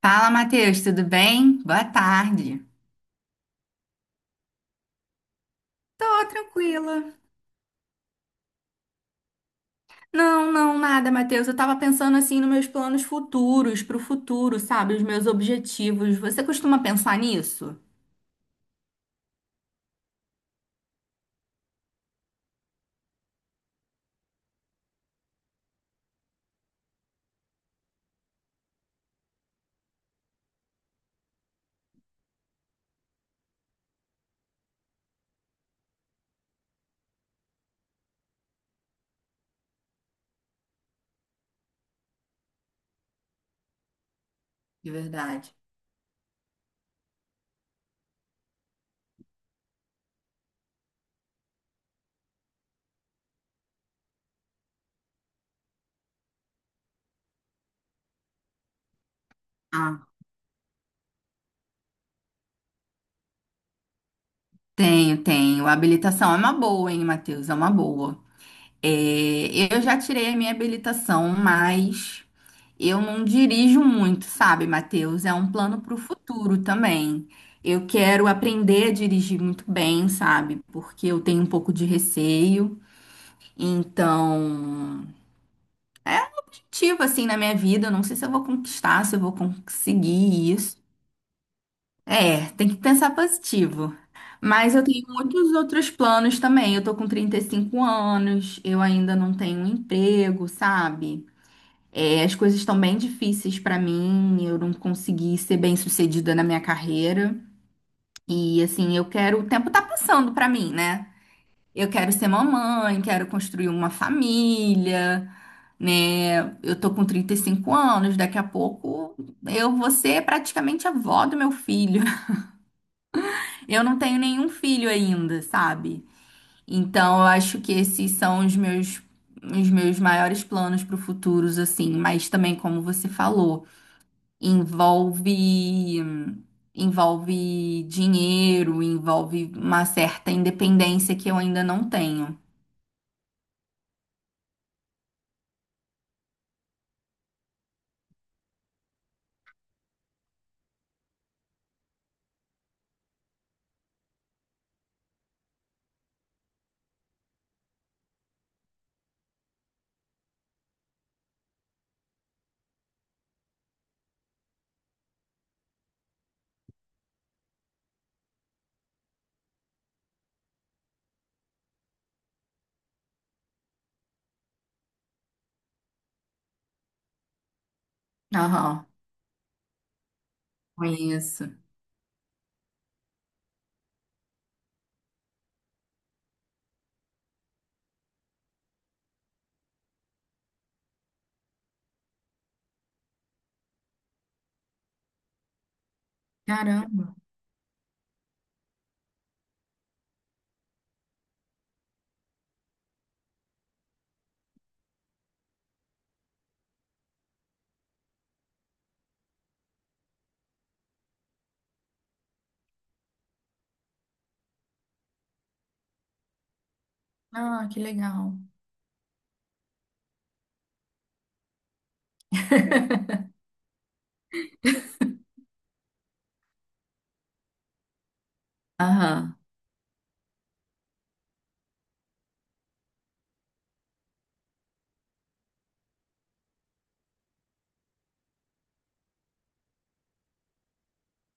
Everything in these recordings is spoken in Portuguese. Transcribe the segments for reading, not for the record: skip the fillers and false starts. Fala, Matheus, tudo bem? Boa tarde. Tô tranquila. Não, não, nada, Matheus. Eu tava pensando assim nos meus planos futuros, pro futuro, sabe? Os meus objetivos. Você costuma pensar nisso? De verdade. Ah, tenho, tenho. A habilitação é uma boa, hein, Matheus? É uma boa. É, eu já tirei a minha habilitação, mas eu não dirijo muito, sabe, Matheus? É um plano para o futuro também. Eu quero aprender a dirigir muito bem, sabe? Porque eu tenho um pouco de receio. Então, é ativo assim na minha vida. Eu não sei se eu vou conquistar, se eu vou conseguir isso. É, tem que pensar positivo. Mas eu tenho muitos outros planos também. Eu tô com 35 anos, eu ainda não tenho um emprego, sabe? É, as coisas estão bem difíceis para mim, eu não consegui ser bem-sucedida na minha carreira. E assim, eu quero, o tempo tá passando para mim, né? Eu quero ser mamãe, quero construir uma família, né? Eu tô com 35 anos, daqui a pouco eu vou ser praticamente avó do meu filho. Eu não tenho nenhum filho ainda, sabe? Então, eu acho que esses são os meus maiores planos para o futuro, assim, mas também como você falou, envolve envolve dinheiro, envolve uma certa independência que eu ainda não tenho. Aham. Conheço. Caramba. Ah, que legal. Aham.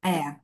É.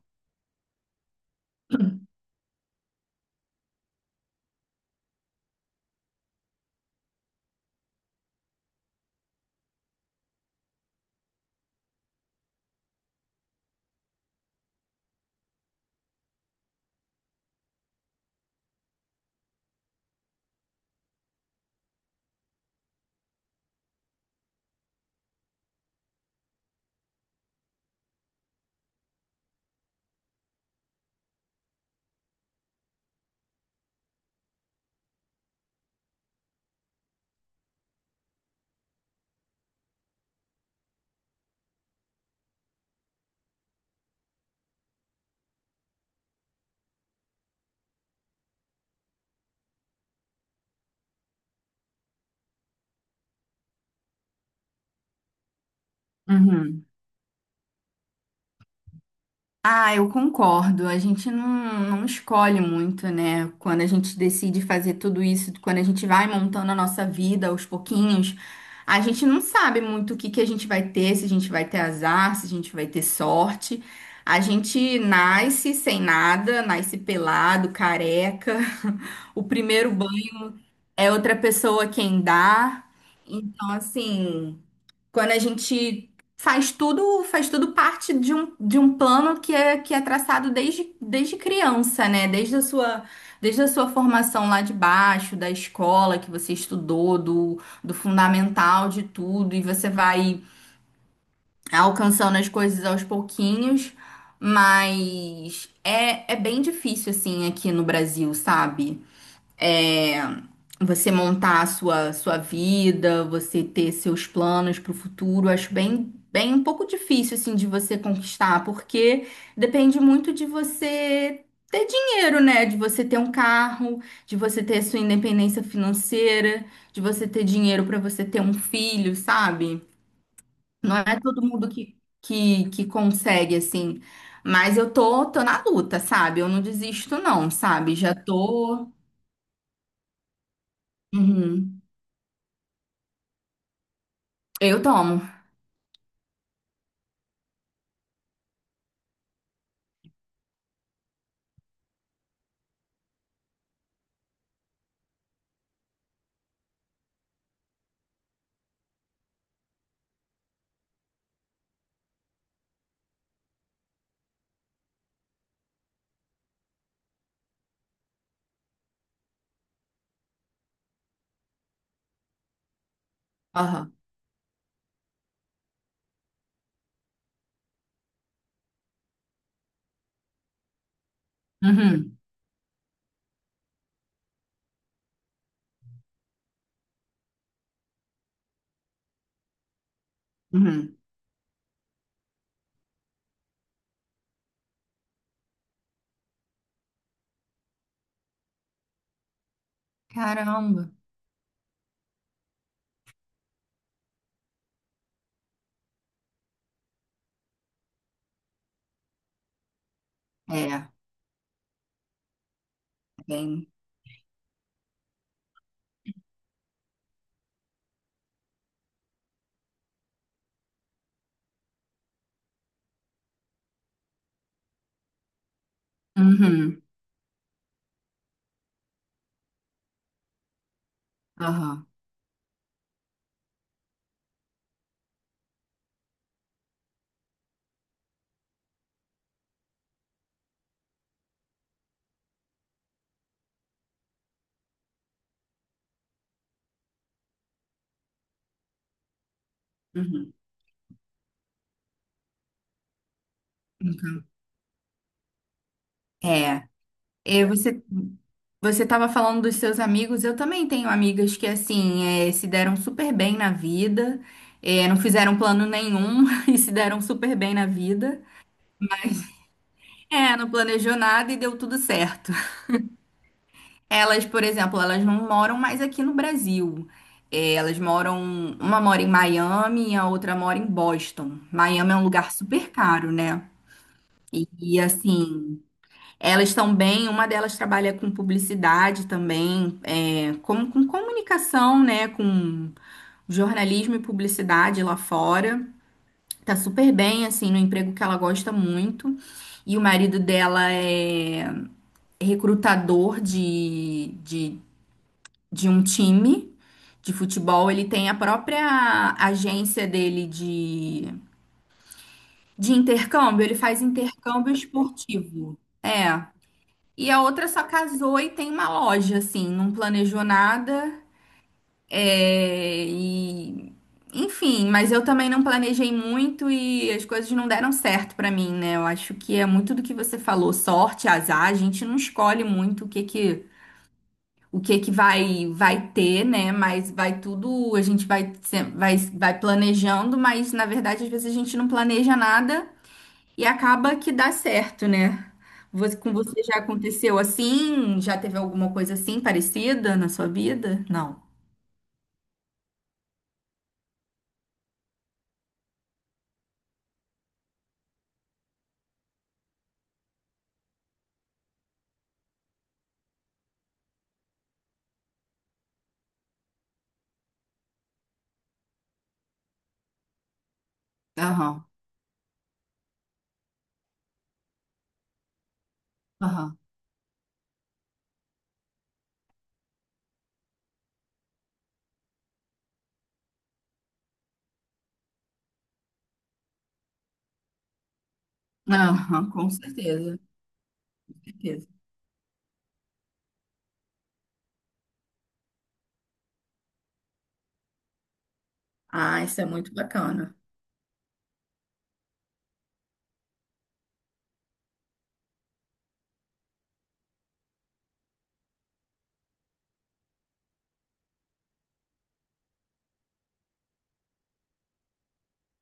Uhum. Ah, eu concordo. A gente não, não escolhe muito, né? Quando a gente decide fazer tudo isso, quando a gente vai montando a nossa vida aos pouquinhos, a gente não sabe muito o que que a gente vai ter, se a gente vai ter azar, se a gente vai ter sorte. A gente nasce sem nada, nasce pelado, careca. O primeiro banho é outra pessoa quem dá. Então, assim. Quando a gente faz tudo parte de um plano que é traçado desde criança, né? Desde a sua formação lá de baixo, da escola que você estudou, do fundamental de tudo, e você vai alcançando as coisas aos pouquinhos, mas é, é bem difícil assim aqui no Brasil, sabe? É, você montar a sua vida, você ter seus planos para o futuro, acho bem, bem um pouco difícil assim de você conquistar, porque depende muito de você ter dinheiro, né? De você ter um carro, de você ter sua independência financeira, de você ter dinheiro para você ter um filho, sabe? Não é todo mundo que consegue assim. Mas eu tô, tô na luta, sabe? Eu não desisto, não, sabe? Já tô. Uhum. Eu tomo. Aham. Uhum. Uhum. Caramba. É, bem. Uhum. Aham. Uhum. É, e você estava falando dos seus amigos. Eu também tenho amigas que assim é, se deram super bem na vida, é, não fizeram plano nenhum e se deram super bem na vida. É, não planejou nada e deu tudo certo. Elas, por exemplo, elas não moram mais aqui no Brasil. É, elas moram, uma mora em Miami e a outra mora em Boston. Miami é um lugar super caro, né? E, assim, elas estão bem, uma delas trabalha com publicidade também, é, com comunicação, né? Com jornalismo e publicidade lá fora. Tá super bem, assim, no emprego que ela gosta muito. E o marido dela é recrutador de um time de futebol, ele tem a própria agência dele de intercâmbio, ele faz intercâmbio esportivo. É. E a outra só casou e tem uma loja, assim, não planejou nada. É, e, enfim, mas eu também não planejei muito e as coisas não deram certo pra mim, né? Eu acho que é muito do que você falou, sorte, azar, a gente não escolhe muito o que que vai ter, né? Mas vai tudo, a gente vai se- vai vai planejando, mas na verdade às vezes a gente não planeja nada e acaba que dá certo, né? Você- com você já aconteceu assim? Já teve alguma coisa assim parecida na sua vida? Não. Aham. Aham. Aham, com certeza, com certeza. Ah, isso é muito bacana.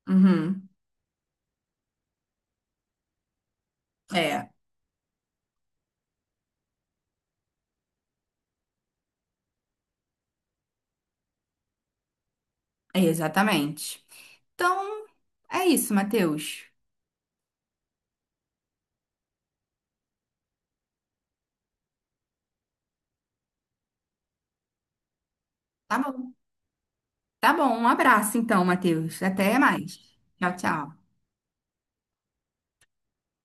Uhum. É, é, exatamente. Então, é isso, Matheus. Tá bom. Tá bom, um abraço então, Matheus. Até mais. Tchau, tchau.